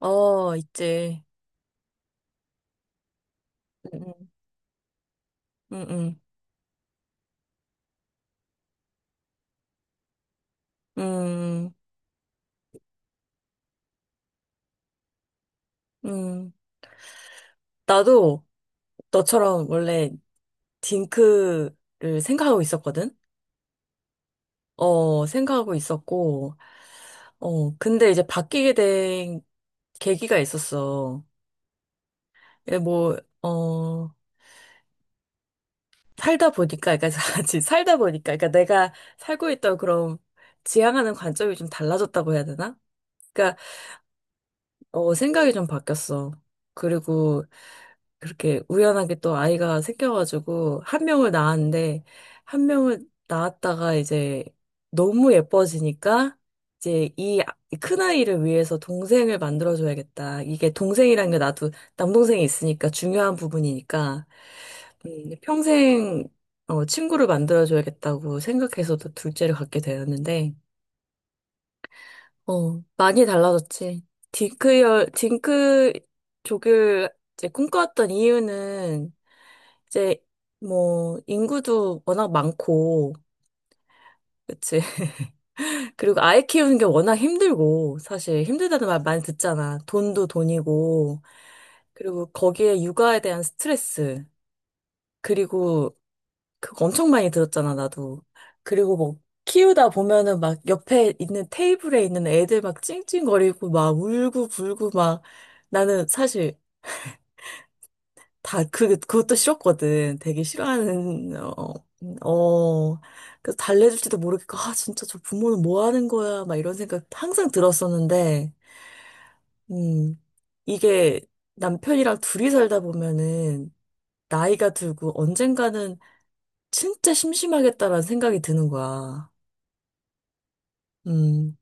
어, 있지. 응, 응, 응, 응, 응. 나도 너처럼 원래 딩크를 생각하고 있었거든? 어, 생각하고 있었고, 근데 이제 바뀌게 된 계기가 있었어. 이게 뭐, 어, 살다 보니까, 그러니까 같이 살다 보니까, 그러니까 내가 살고 있던 그런 지향하는 관점이 좀 달라졌다고 해야 되나? 그러니까, 생각이 좀 바뀌었어. 그리고, 그렇게 우연하게 또 아이가 생겨가지고 한 명을 낳았는데 한 명을 낳았다가 이제 너무 예뻐지니까 이제 이 큰 아이를 위해서 동생을 만들어줘야겠다. 이게 동생이란 게 나도 남동생이 있으니까 중요한 부분이니까 평생 친구를 만들어줘야겠다고 생각해서 또 둘째를 갖게 되었는데 많이 달라졌지. 딩크 족을 이제 꿈꿔왔던 이유는 이제 뭐 인구도 워낙 많고 그치. 그리고 아이 키우는 게 워낙 힘들고, 사실 힘들다는 말 많이 듣잖아. 돈도 돈이고, 그리고 거기에 육아에 대한 스트레스. 그리고 그거 엄청 많이 들었잖아, 나도. 그리고 뭐 키우다 보면은 막 옆에 있는 테이블에 있는 애들 막 찡찡거리고 막 울고 불고 막. 나는 사실 그것도 싫었거든. 되게 싫어하는, 어, 어. 그래서 달래줄지도 모르겠고, 아, 진짜 저 부모는 뭐 하는 거야, 막 이런 생각 항상 들었었는데, 음, 이게 남편이랑 둘이 살다 보면은, 나이가 들고 언젠가는 진짜 심심하겠다라는 생각이 드는 거야. 음,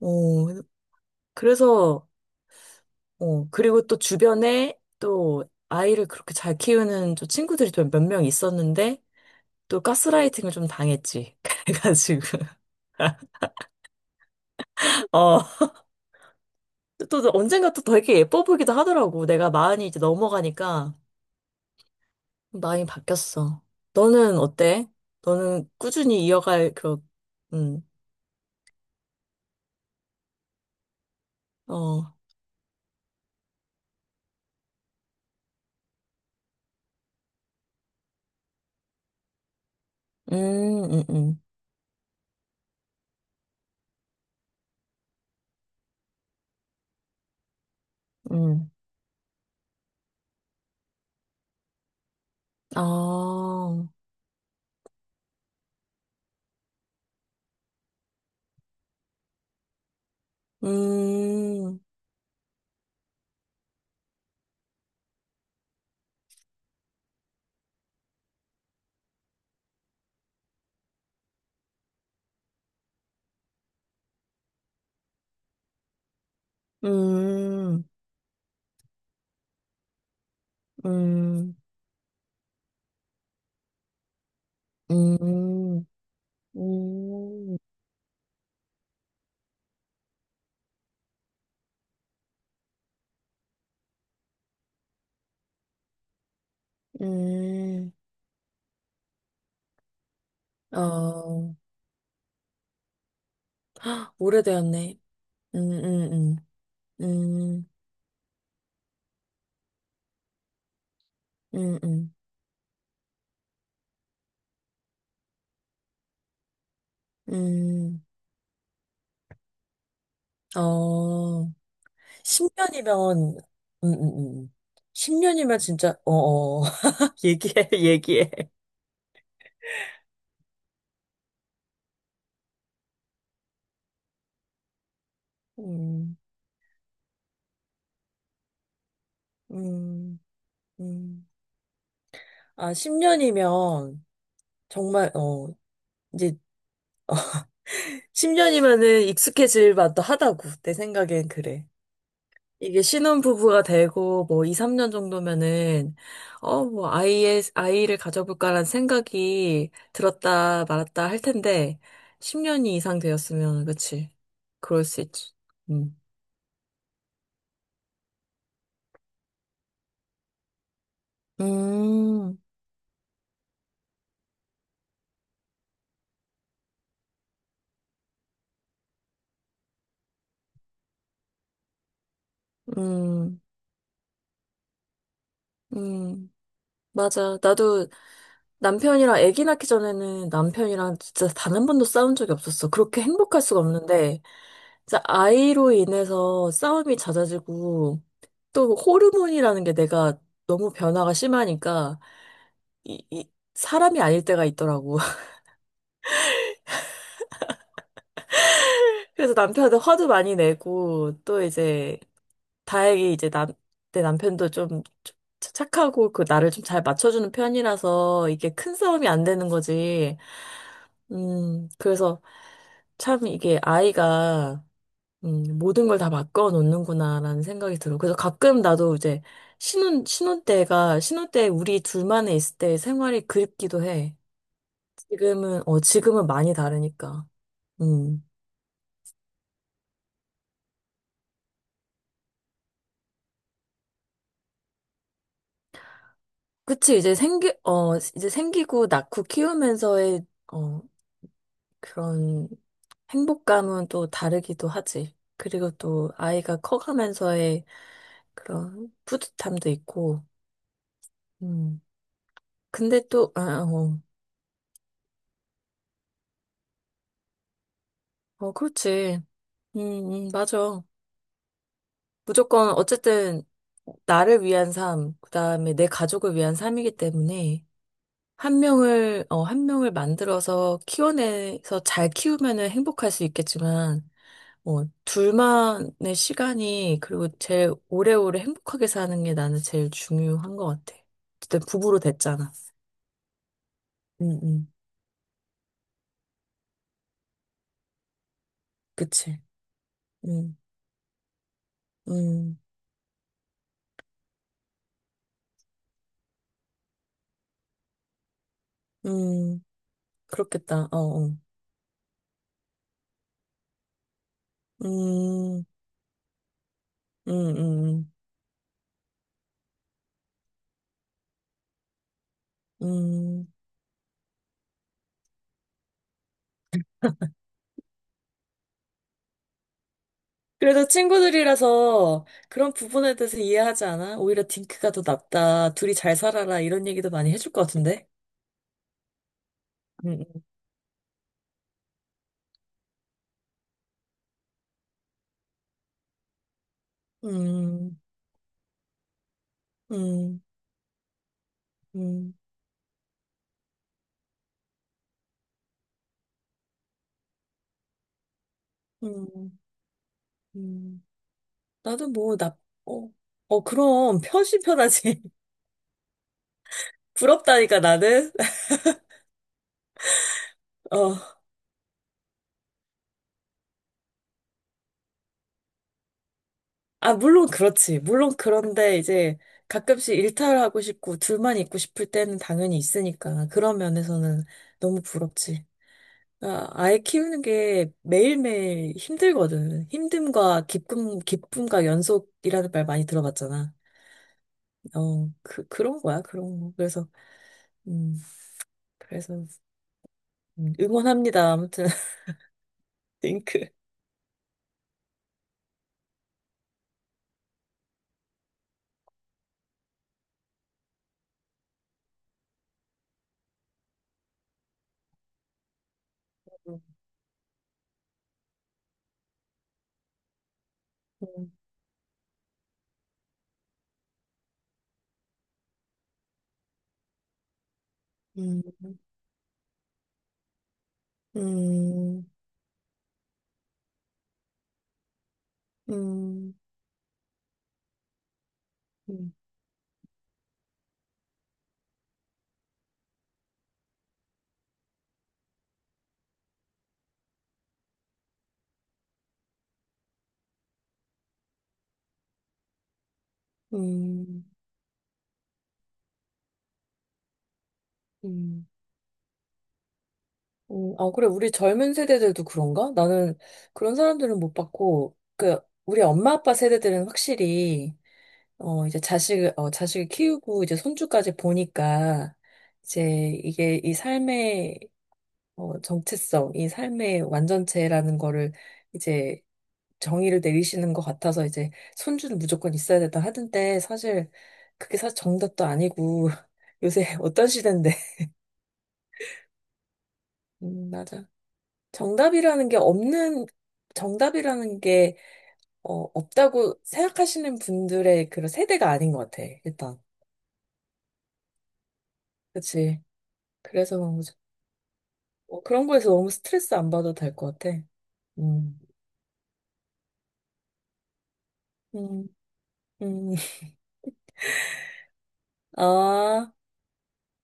어, 그래서, 그리고 또 주변에 또 아이를 그렇게 잘 키우는 또 친구들이 또 몇 명 있었는데, 또 가스라이팅을 좀 당했지. 그래가지고 어, 또 언젠가 또 되게 예뻐 보이기도 하더라고. 내가 마흔이 이제 넘어가니까 마음이 바뀌었어. 너는 어때? 너는 꾸준히 이어갈 그런. 음, 어, 음, 음, 음, 음, 아, 음, 음, 음, 음, 음, 음, 어. 헉, 오래되었네. 음, 음, 음, 음, 음, 음. 음, 어, 10년이면, 음, 음, 음. 10년이면 진짜, 얘기해, 얘기해. 음, 음, 음. 아, 10년이면, 정말, 이제, 10년이면은 익숙해질 만도 하다고. 내 생각엔 그래. 이게 신혼부부가 되고, 뭐, 2, 3년 정도면은, 뭐, 아이를 가져볼까라는 생각이 들었다 말았다 할 텐데, 10년이 이상 되었으면, 그치. 그럴 수 있지. 음. 음, 음, 음. 맞아. 나도 남편이랑 아기 낳기 전에는 남편이랑 진짜 단 한 번도 싸운 적이 없었어. 그렇게 행복할 수가 없는데, 진짜 아이로 인해서 싸움이 잦아지고 또 호르몬이라는 게 내가 너무 변화가 심하니까 이 사람이 아닐 때가 있더라고. 그래서 남편한테 화도 많이 내고 또 이제 다행히 이제 내 남편도 좀 착하고 그 나를 좀 잘 맞춰주는 편이라서 이게 큰 싸움이 안 되는 거지. 그래서 참 이게 아이가 모든 걸 다 바꿔 놓는구나라는 생각이 들어. 그래서 가끔 나도 이제 신혼 때 우리 둘만의 있을 때 생활이 그립기도 해. 지금은 많이 다르니까. 음. 그치, 이제 생기고 낳고 키우면서의, 어, 그런 행복감은 또 다르기도 하지. 그리고 또 아이가 커가면서의 그런 뿌듯함도 있고, 음. 근데 또, 그렇지. 음, 맞아. 무조건 어쨌든 나를 위한 삶, 그다음에 내 가족을 위한 삶이기 때문에 한 명을 만들어서 키워내서 잘 키우면은 행복할 수 있겠지만 둘만의 시간이, 그리고 제일 오래오래 행복하게 사는 게 나는 제일 중요한 것 같아. 어쨌든 부부로 됐잖아. 응, 응. 그치. 응, 응, 응. 그렇겠다. 어, 어. 음, 음, 음, 음. 그래도 친구들이라서 그런 부분에 대해서 이해하지 않아? 오히려 딩크가 더 낫다. 둘이 잘 살아라. 이런 얘기도 많이 해줄 것 같은데? 음, 음, 음, 음, 음, 음. 나도 뭐, 어, 그럼, 편신 편하지. 부럽다니까, 나는? 어, 아, 물론 그렇지. 물론 그런데 이제 가끔씩 일탈하고 싶고, 둘만 있고 싶을 때는 당연히 있으니까. 그런 면에서는 너무 부럽지. 아, 아이 키우는 게 매일매일 힘들거든. 힘듦과 기쁨, 기쁨과 연속이라는 말 많이 들어봤잖아. 그런 거야, 그런 거. 음, 그래서, 응원합니다. 아무튼, 링크. 음, 음, 음, 음, 음, 음, 음. 아, 그래, 우리 젊은 세대들도 그런가? 나는 그런 사람들은 못 봤고, 그, 우리 엄마 아빠 세대들은 확실히, 이제 자식을 키우고 이제 손주까지 보니까 이제 이게 이 삶의 정체성, 이 삶의 완전체라는 거를 이제 정의를 내리시는 것 같아서 이제 손주는 무조건 있어야 된다 하던데. 사실 그게 사실 정답도 아니고 요새 어떤 시대인데. 맞아. 정답이라는 게 없는, 정답이라는 게 없다고 생각하시는 분들의 그런 세대가 아닌 것 같아, 일단. 그치. 그래서 뭐 그런 거에서 너무 스트레스 안 받아도 될 것 같아. 음, 음, 음. 아,